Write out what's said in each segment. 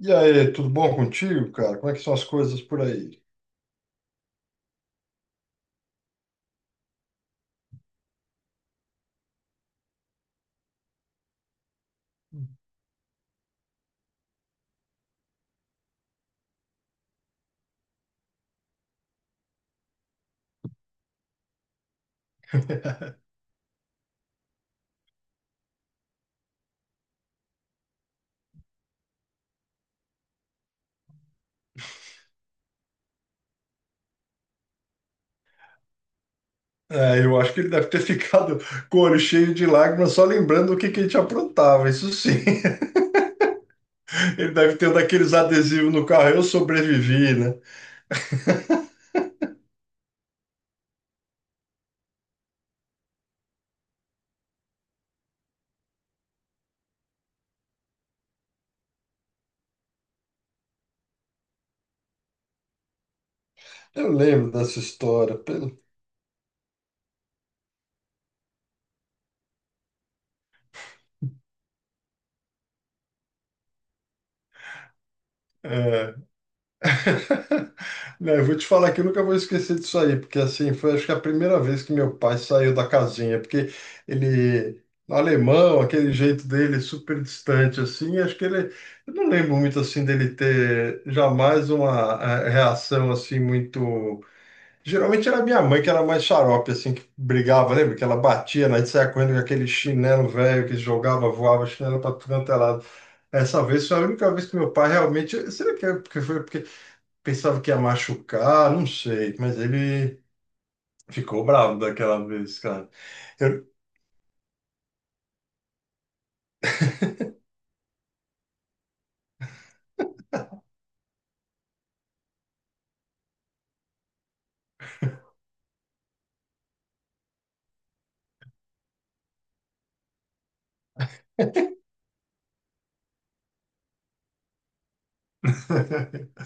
E aí, tudo bom contigo, cara? Como é que são as coisas por aí? É, eu acho que ele deve ter ficado com o olho cheio de lágrimas só lembrando o que que a gente aprontava, isso sim. Ele deve ter um daqueles adesivos no carro, eu sobrevivi, né? Eu lembro dessa história. É. Né, eu vou te falar que eu nunca vou esquecer disso aí, porque assim, foi acho que a primeira vez que meu pai saiu da casinha, porque ele, alemão, aquele jeito dele super distante assim, acho que ele, eu não lembro muito assim dele ter jamais uma reação assim muito, geralmente era minha mãe que era mais xarope assim, que brigava, lembra? Que ela batia, né, e saia correndo com aquele chinelo velho que jogava, voava chinelo para tudo quanto é lado. Essa vez foi a única vez que meu pai realmente. Será que é porque foi porque pensava que ia machucar, não sei, mas ele ficou bravo daquela vez, cara. Eu-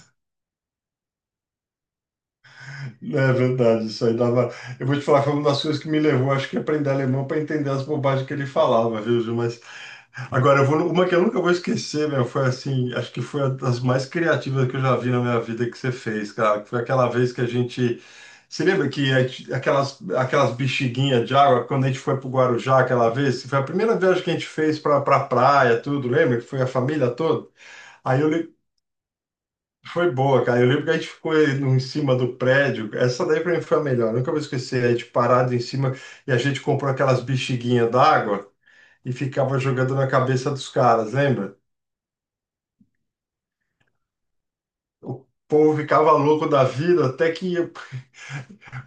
Não, é verdade, isso aí dava. Eu vou te falar, foi uma das coisas que me levou, acho que, a aprender alemão para entender as bobagens que ele falava, viu, Ju? Mas agora, eu vou numa que eu nunca vou esquecer, meu. Foi assim, acho que foi uma das mais criativas que eu já vi na minha vida que você fez, cara. Que Foi aquela vez que a gente. Você lembra que a aquelas, bexiguinhas de água, quando a gente foi pro Guarujá aquela vez? Foi a primeira viagem que a gente fez pra praia, tudo, lembra? Que foi a família toda. Aí eu lembro. Foi boa, cara. Eu lembro que a gente ficou aí em cima do prédio. Essa daí pra mim foi a melhor. Nunca vou esquecer. A gente parado em cima e a gente comprou aquelas bexiguinhas d'água e ficava jogando na cabeça dos caras, lembra? O povo ficava louco da vida, até que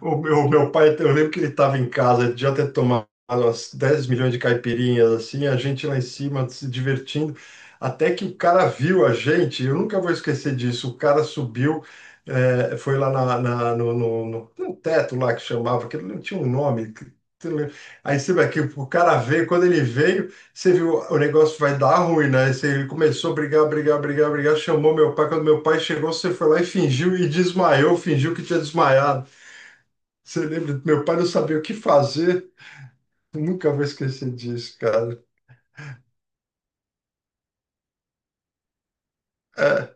o meu pai, eu lembro que ele estava em casa, ele já ter tomado umas 10 milhões de caipirinhas, assim, a gente lá em cima se divertindo, até que o cara viu a gente, eu nunca vou esquecer disso, o cara subiu, foi lá na, no, tem um teto lá que chamava, que não tinha um nome, que eu lembro. Aí você vê que o cara veio, quando ele veio, você viu, o negócio vai dar ruim, né? Ele começou a brigar, brigar, chamou meu pai, quando meu pai chegou, você foi lá e fingiu e desmaiou, fingiu que tinha desmaiado. Você lembra? Meu pai não sabia o que fazer. Nunca vou esquecer disso, cara. É.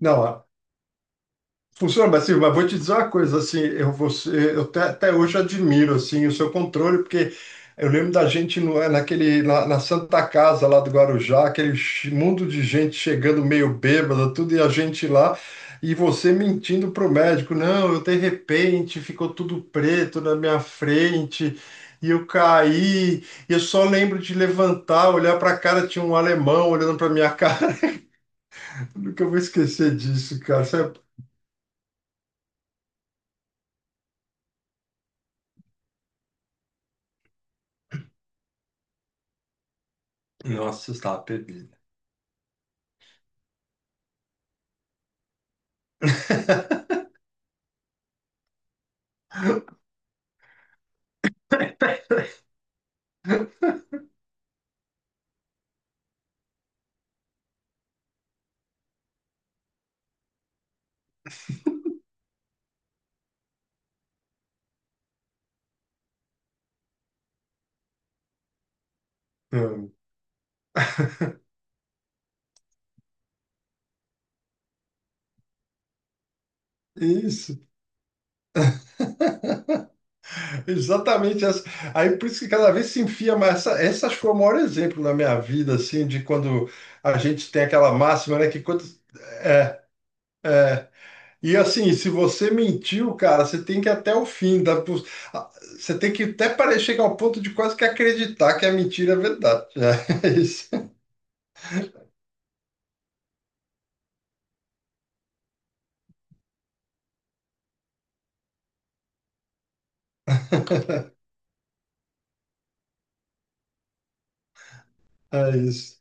Não, funciona, mas, assim, mas vou te dizer uma coisa, assim, eu, você, eu até, até hoje admiro, assim, o seu controle, porque eu lembro da gente no, naquele, na, na Santa Casa lá do Guarujá, aquele mundo de gente chegando meio bêbada, tudo, e a gente lá, e você mentindo pro médico, não, eu de repente ficou tudo preto na minha frente, e eu caí, e eu só lembro de levantar, olhar pra cara, tinha um alemão olhando pra minha cara, nunca vou esquecer disso, cara. Nossa, eu estava perdido. Hum, Isso, exatamente essa. Aí por isso que cada vez se enfia mais. Essa foi o maior exemplo na minha vida, assim, de quando a gente tem aquela máxima, né? Que quando, é, e assim, se você mentiu, cara, você tem que ir até o fim. Ah, você tem que até parecer chegar ao ponto de quase que acreditar que a mentira é verdade. Né? É, isso, é isso.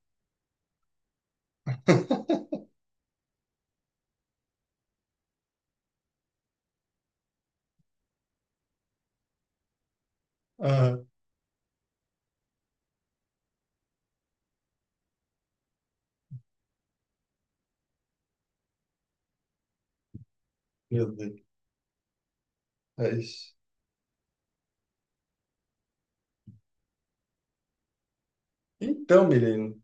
Ah, meu Deus, é isso. Então, menino.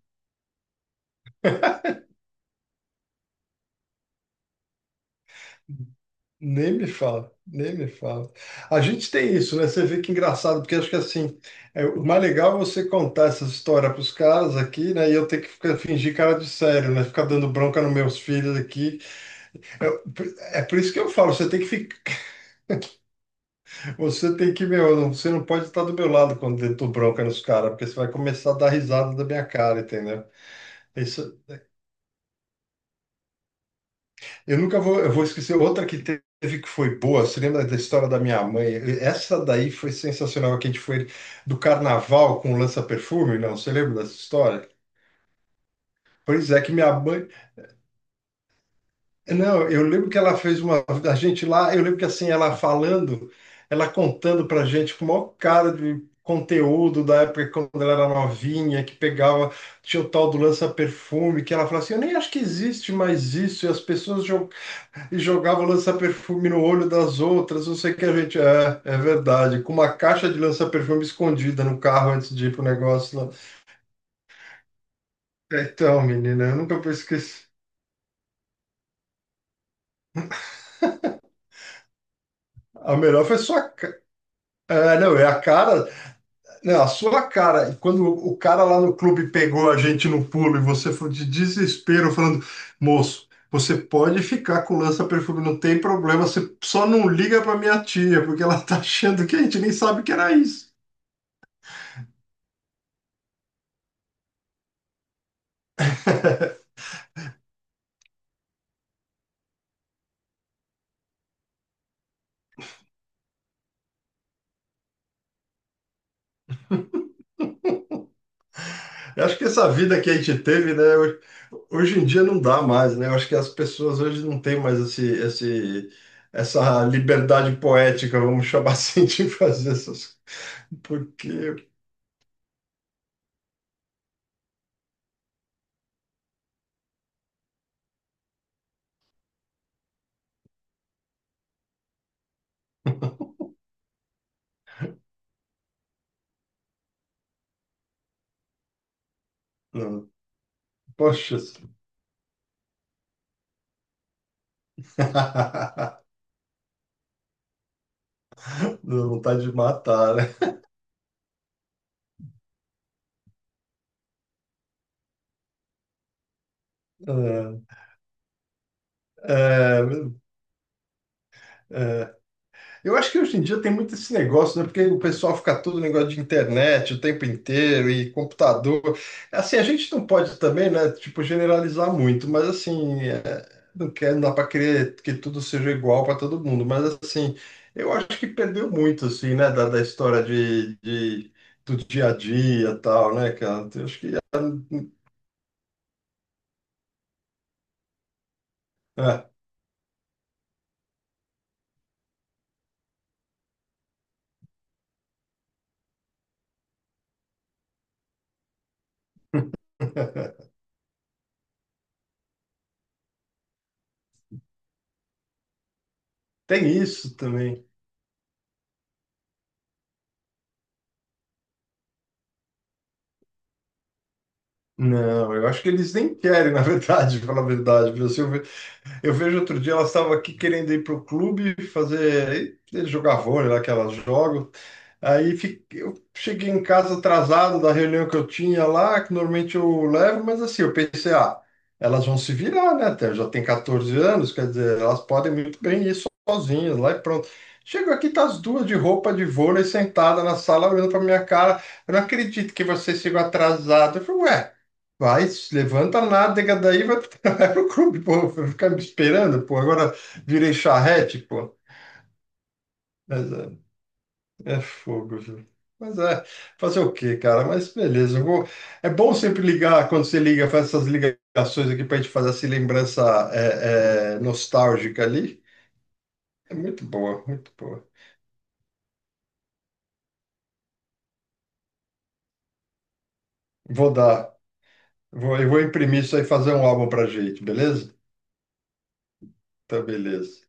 Nem me fala, nem me fala. A gente tem isso, né? Você vê que engraçado, porque acho que assim, é, o mais legal é você contar essas histórias para os caras aqui, né? E eu ter que ficar, fingir cara de sério, né? Ficar dando bronca nos meus filhos aqui. É, é por isso que eu falo, você tem que ficar, você tem que, meu, você não pode estar do meu lado quando eu dou bronca nos caras, porque você vai começar a dar risada da minha cara, entendeu? Isso, eu nunca vou, eu vou esquecer outra que teve que foi boa. Você lembra da história da minha mãe? Essa daí foi sensacional, que a gente foi do carnaval com o lança-perfume, não? Você lembra dessa história? Pois é, que minha mãe. Não, eu lembro que ela fez uma. A gente lá, eu lembro que assim, ela falando, ela contando pra gente com o maior cara de conteúdo da época quando ela era novinha, que pegava, tinha o tal do lança-perfume, que ela falava assim: eu nem acho que existe mais isso, e as pessoas e jogava lança-perfume no olho das outras. Não sei o que a gente é, é verdade. Com uma caixa de lança-perfume escondida no carro antes de ir pro negócio lá. Então, menina, eu nunca vou esquecer. A melhor foi sua. É, não, é a cara. Não, a sua cara. E quando o cara lá no clube pegou a gente no pulo e você foi de desespero falando, moço, você pode ficar com lança-perfume, não tem problema. Você só não liga pra minha tia, porque ela tá achando que a gente nem sabe que era isso. Eu acho que essa vida que a gente teve, né, hoje, hoje em dia não dá mais, né? Eu acho que as pessoas hoje não têm mais esse, essa liberdade poética, vamos chamar assim, de fazer essas. Coisas. Porque, não, poxa, não, vontade de matar, né? É, é, eu acho que hoje em dia tem muito esse negócio, né? Porque o pessoal fica todo negócio de internet o tempo inteiro e computador. Assim, a gente não pode também, né? Tipo, generalizar muito, mas assim, é, não quer, não dá para querer que tudo seja igual para todo mundo. Mas assim, eu acho que perdeu muito, assim, né? Da história do dia a dia e tal, né, cara? Eu acho que é. Tem isso também. Não, eu acho que eles nem querem, na verdade, falar a verdade. Viu? Assim, eu vejo outro dia, elas estavam aqui querendo ir para o clube fazer, jogar vôlei lá que elas jogam. Eu cheguei em casa atrasado da reunião que eu tinha lá, que normalmente eu levo, mas assim, eu pensei, ah, elas vão se virar, né? Até já tem 14 anos, quer dizer, elas podem muito bem ir sozinhas lá e pronto. Chego aqui, tá as duas de roupa de vôlei sentada na sala olhando para minha cara. Eu não acredito que vocês chegam atrasadas. Eu falei, ué, vai, se levanta a nádega daí, vai, vai pro clube, pô. Vai ficar me esperando, pô. Agora virei charrete, pô. Mas é, é fogo, viu? Mas é, fazer o quê, cara? Mas beleza, eu vou... É bom sempre ligar, quando você liga, faz essas ligações aqui pra gente fazer essa lembrança é, é, nostálgica ali. É muito boa, muito boa. Vou dar, vou, eu vou imprimir isso aí e fazer um álbum pra gente, beleza? Então, beleza.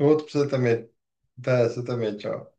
Outro pra você também. Tá, você também, tchau.